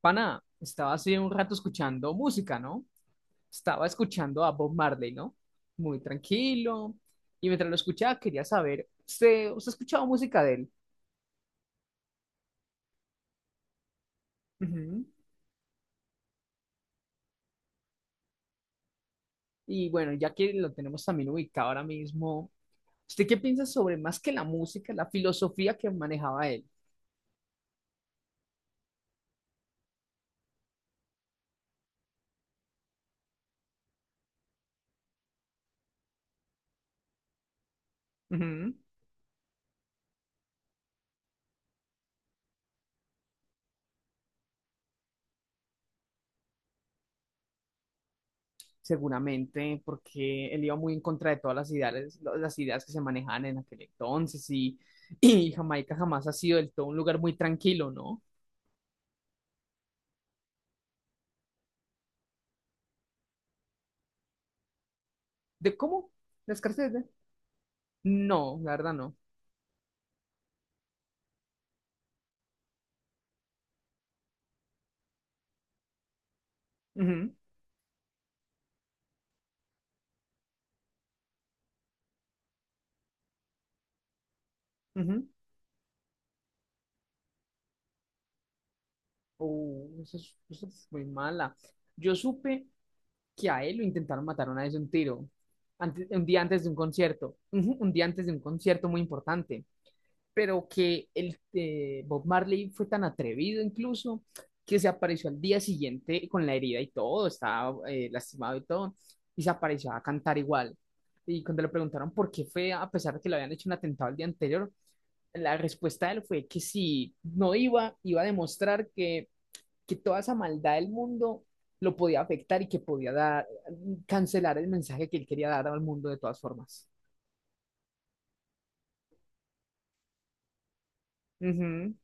Pana, estaba hace un rato escuchando música, ¿no? Estaba escuchando a Bob Marley, ¿no? Muy tranquilo. Y mientras lo escuchaba, quería saber, ¿usted ha escuchado música de él? Ujú. Y bueno, ya que lo tenemos también ubicado ahora mismo, ¿usted qué piensa sobre más que la música, la filosofía que manejaba él? Ujú. Seguramente, porque él iba muy en contra de todas las ideas que se manejaban en aquel entonces y Jamaica jamás ha sido del todo un lugar muy tranquilo, ¿no? ¿De cómo? ¿La escasez de... No, la verdad no. Ujú, ujú. Oh, eso es muy mala. Yo supe que a él lo intentaron matar una vez de un tiro, un día antes de un concierto, ujú, un día antes de un concierto muy importante, pero que el Bob Marley fue tan atrevido incluso que se apareció al día siguiente con la herida y todo, estaba lastimado y todo, y se apareció a cantar igual. Y cuando le preguntaron por qué fue, a pesar de que le habían hecho un atentado el día anterior, la respuesta de él fue que si no iba, iba a demostrar que toda esa maldad del mundo lo podía afectar y que podía dar, cancelar el mensaje que él quería dar al mundo de todas formas. Ujú.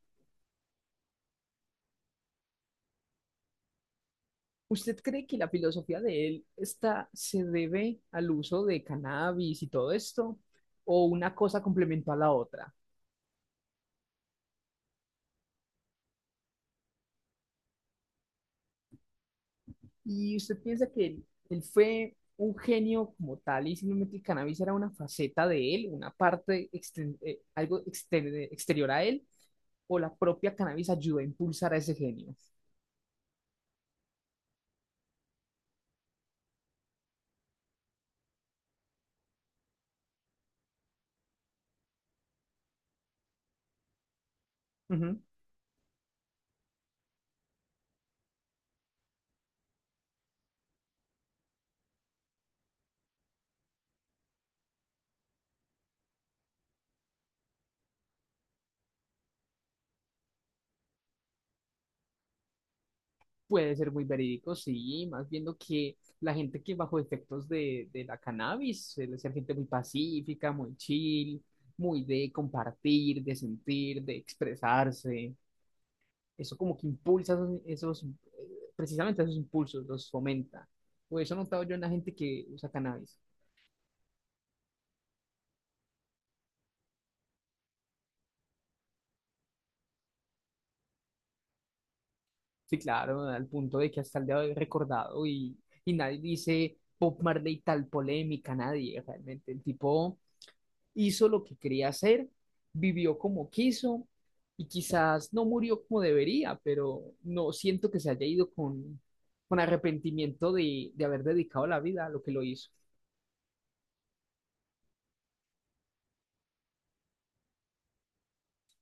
¿Usted cree que la filosofía de él está, se debe al uso de cannabis y todo esto? ¿O una cosa complementó a la otra? Y usted piensa que él fue un genio como tal y simplemente el cannabis era una faceta de él, una parte, algo exterior a él, o la propia cannabis ayudó a impulsar a ese genio. Ujú. Puede ser muy verídico, sí, más viendo que la gente que bajo efectos de la cannabis suele ser gente muy pacífica, muy chill, muy de compartir, de sentir, de expresarse. Eso como que impulsa precisamente esos impulsos, los fomenta. O eso he notado yo en la gente que usa cannabis. Sí, claro, al punto de que hasta el día de hoy es recordado, y nadie dice Bob Marley tal polémica, nadie realmente. El tipo hizo lo que quería hacer, vivió como quiso y quizás no murió como debería, pero no siento que se haya ido con arrepentimiento de haber dedicado la vida a lo que lo hizo.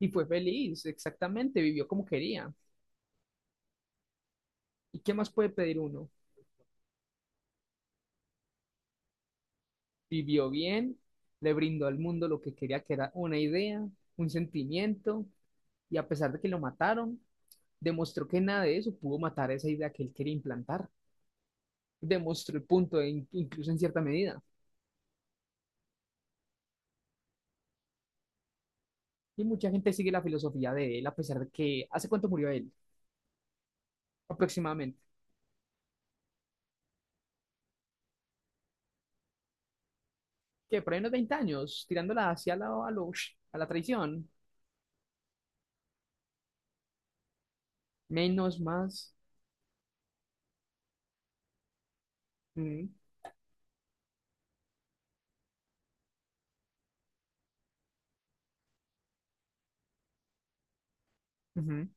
Y fue feliz, exactamente, vivió como quería. ¿Y qué más puede pedir uno? Vivió bien, le brindó al mundo lo que quería, que era una idea, un sentimiento, y a pesar de que lo mataron, demostró que nada de eso pudo matar esa idea que él quería implantar. Demostró el punto, incluso en cierta medida. Y mucha gente sigue la filosofía de él, a pesar de que, ¿hace cuánto murió él? Aproximadamente. Que por ahí unos 20 años, tirándola hacia a la traición. Menos, más. Mm, ujú,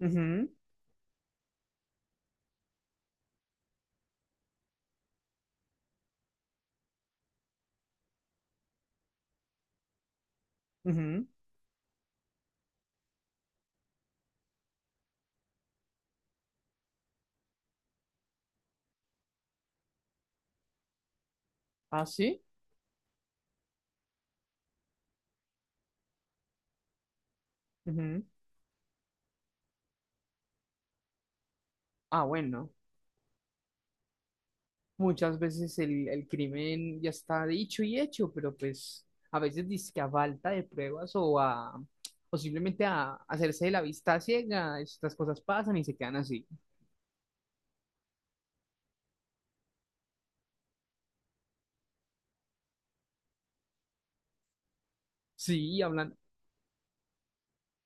ujú, ujú. Ah, sí. Ujú. Ah, bueno. Muchas veces el crimen ya está dicho y hecho, pero pues a veces dizque a falta de pruebas o simplemente a hacerse de la vista ciega, estas cosas pasan y se quedan así. Sí, y hablan,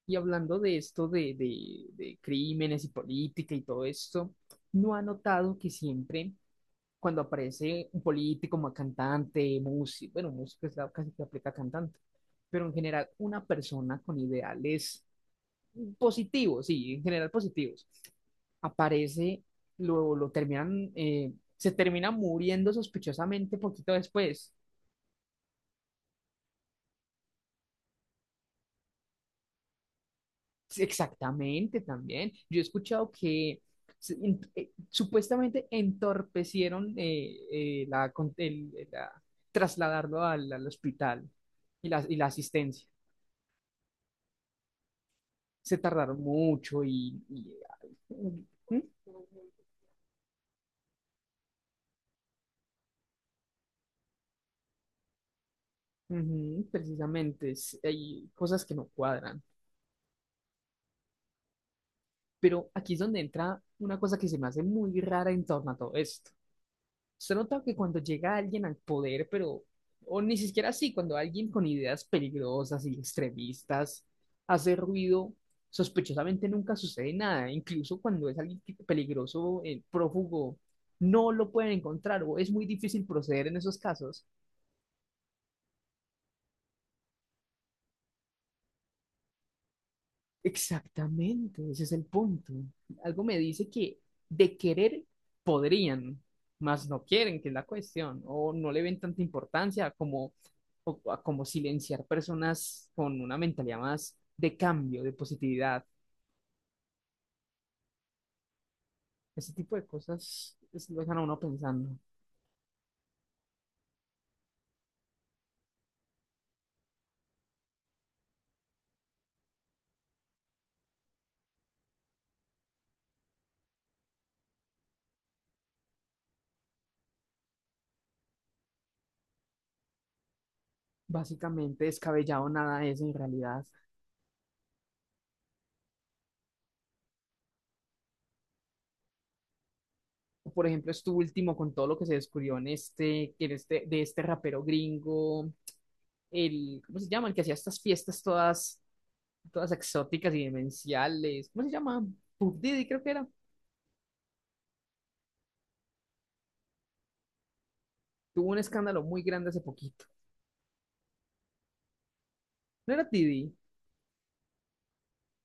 y hablando de esto de crímenes y política y todo esto, ¿no ha notado que siempre cuando aparece un político, un cantante, músico, bueno, músico es la casi que aplica a cantante, pero en general una persona con ideales positivos, sí, en general positivos. Aparece, lo terminan, se termina muriendo sospechosamente poquito después. Sí, exactamente, también. Yo he escuchado que supuestamente entorpecieron la, con- el- la- trasladarlo al hospital y la asistencia. Se tardaron mucho ¿Mm? Ujú, precisamente, es- hay cosas que no cuadran. Pero aquí es donde entra una cosa que se me hace muy rara en torno a todo esto. Se nota que cuando llega alguien al poder, pero, o ni siquiera así, cuando alguien con ideas peligrosas y extremistas hace ruido, sospechosamente nunca sucede nada. Incluso cuando es alguien que- peligroso, prófugo, no lo pueden encontrar o es muy difícil proceder en esos casos. Exactamente, ese es el punto. Algo me dice que de querer podrían, mas no quieren, que es la cuestión, o no le ven tanta importancia como, o- a como silenciar personas con una mentalidad más de cambio, de positividad. Ese tipo de cosas es- lo dejan a uno pensando. Básicamente descabellado nada es en realidad. O, por ejemplo, esto último con todo lo que se descubrió de este rapero gringo, el, ¿cómo se llama? El que hacía estas fiestas todas exóticas y demenciales. ¿Cómo se llama? Puff Diddy creo que era. Tuvo un escándalo muy grande hace poquito. ¿No era Diddy?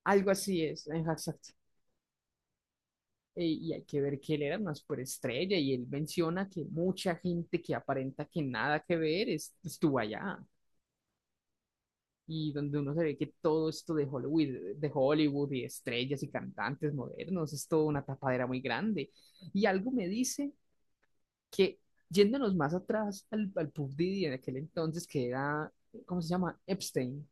Algo así es, ajá, exacto. Y hay que ver que él era una superestrella y él menciona que mucha gente que aparenta que nada que ver estuvo allá. Y donde uno se ve que todo esto de Hollywood y estrellas y cantantes modernos es toda una tapadera muy grande. Y algo me dice que yéndonos más atrás al pub Didi en aquel entonces, que era, ¿cómo se llama? Epstein.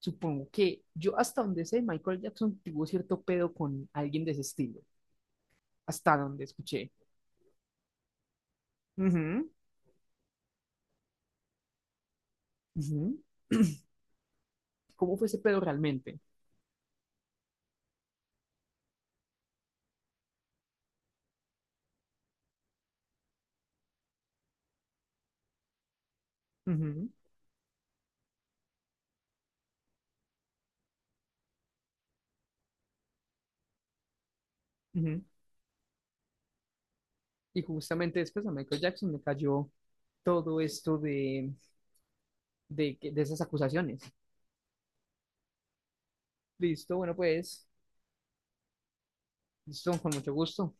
Supongo que yo hasta donde sé, Michael Jackson tuvo cierto pedo con alguien de ese estilo, hasta donde escuché. Ujú, ujú. ¿Cómo fue ese pedo realmente? Ujú, ujú. Y justamente después a Michael Jackson me cayó todo esto de esas acusaciones. Listo, bueno, pues, listo, con mucho gusto.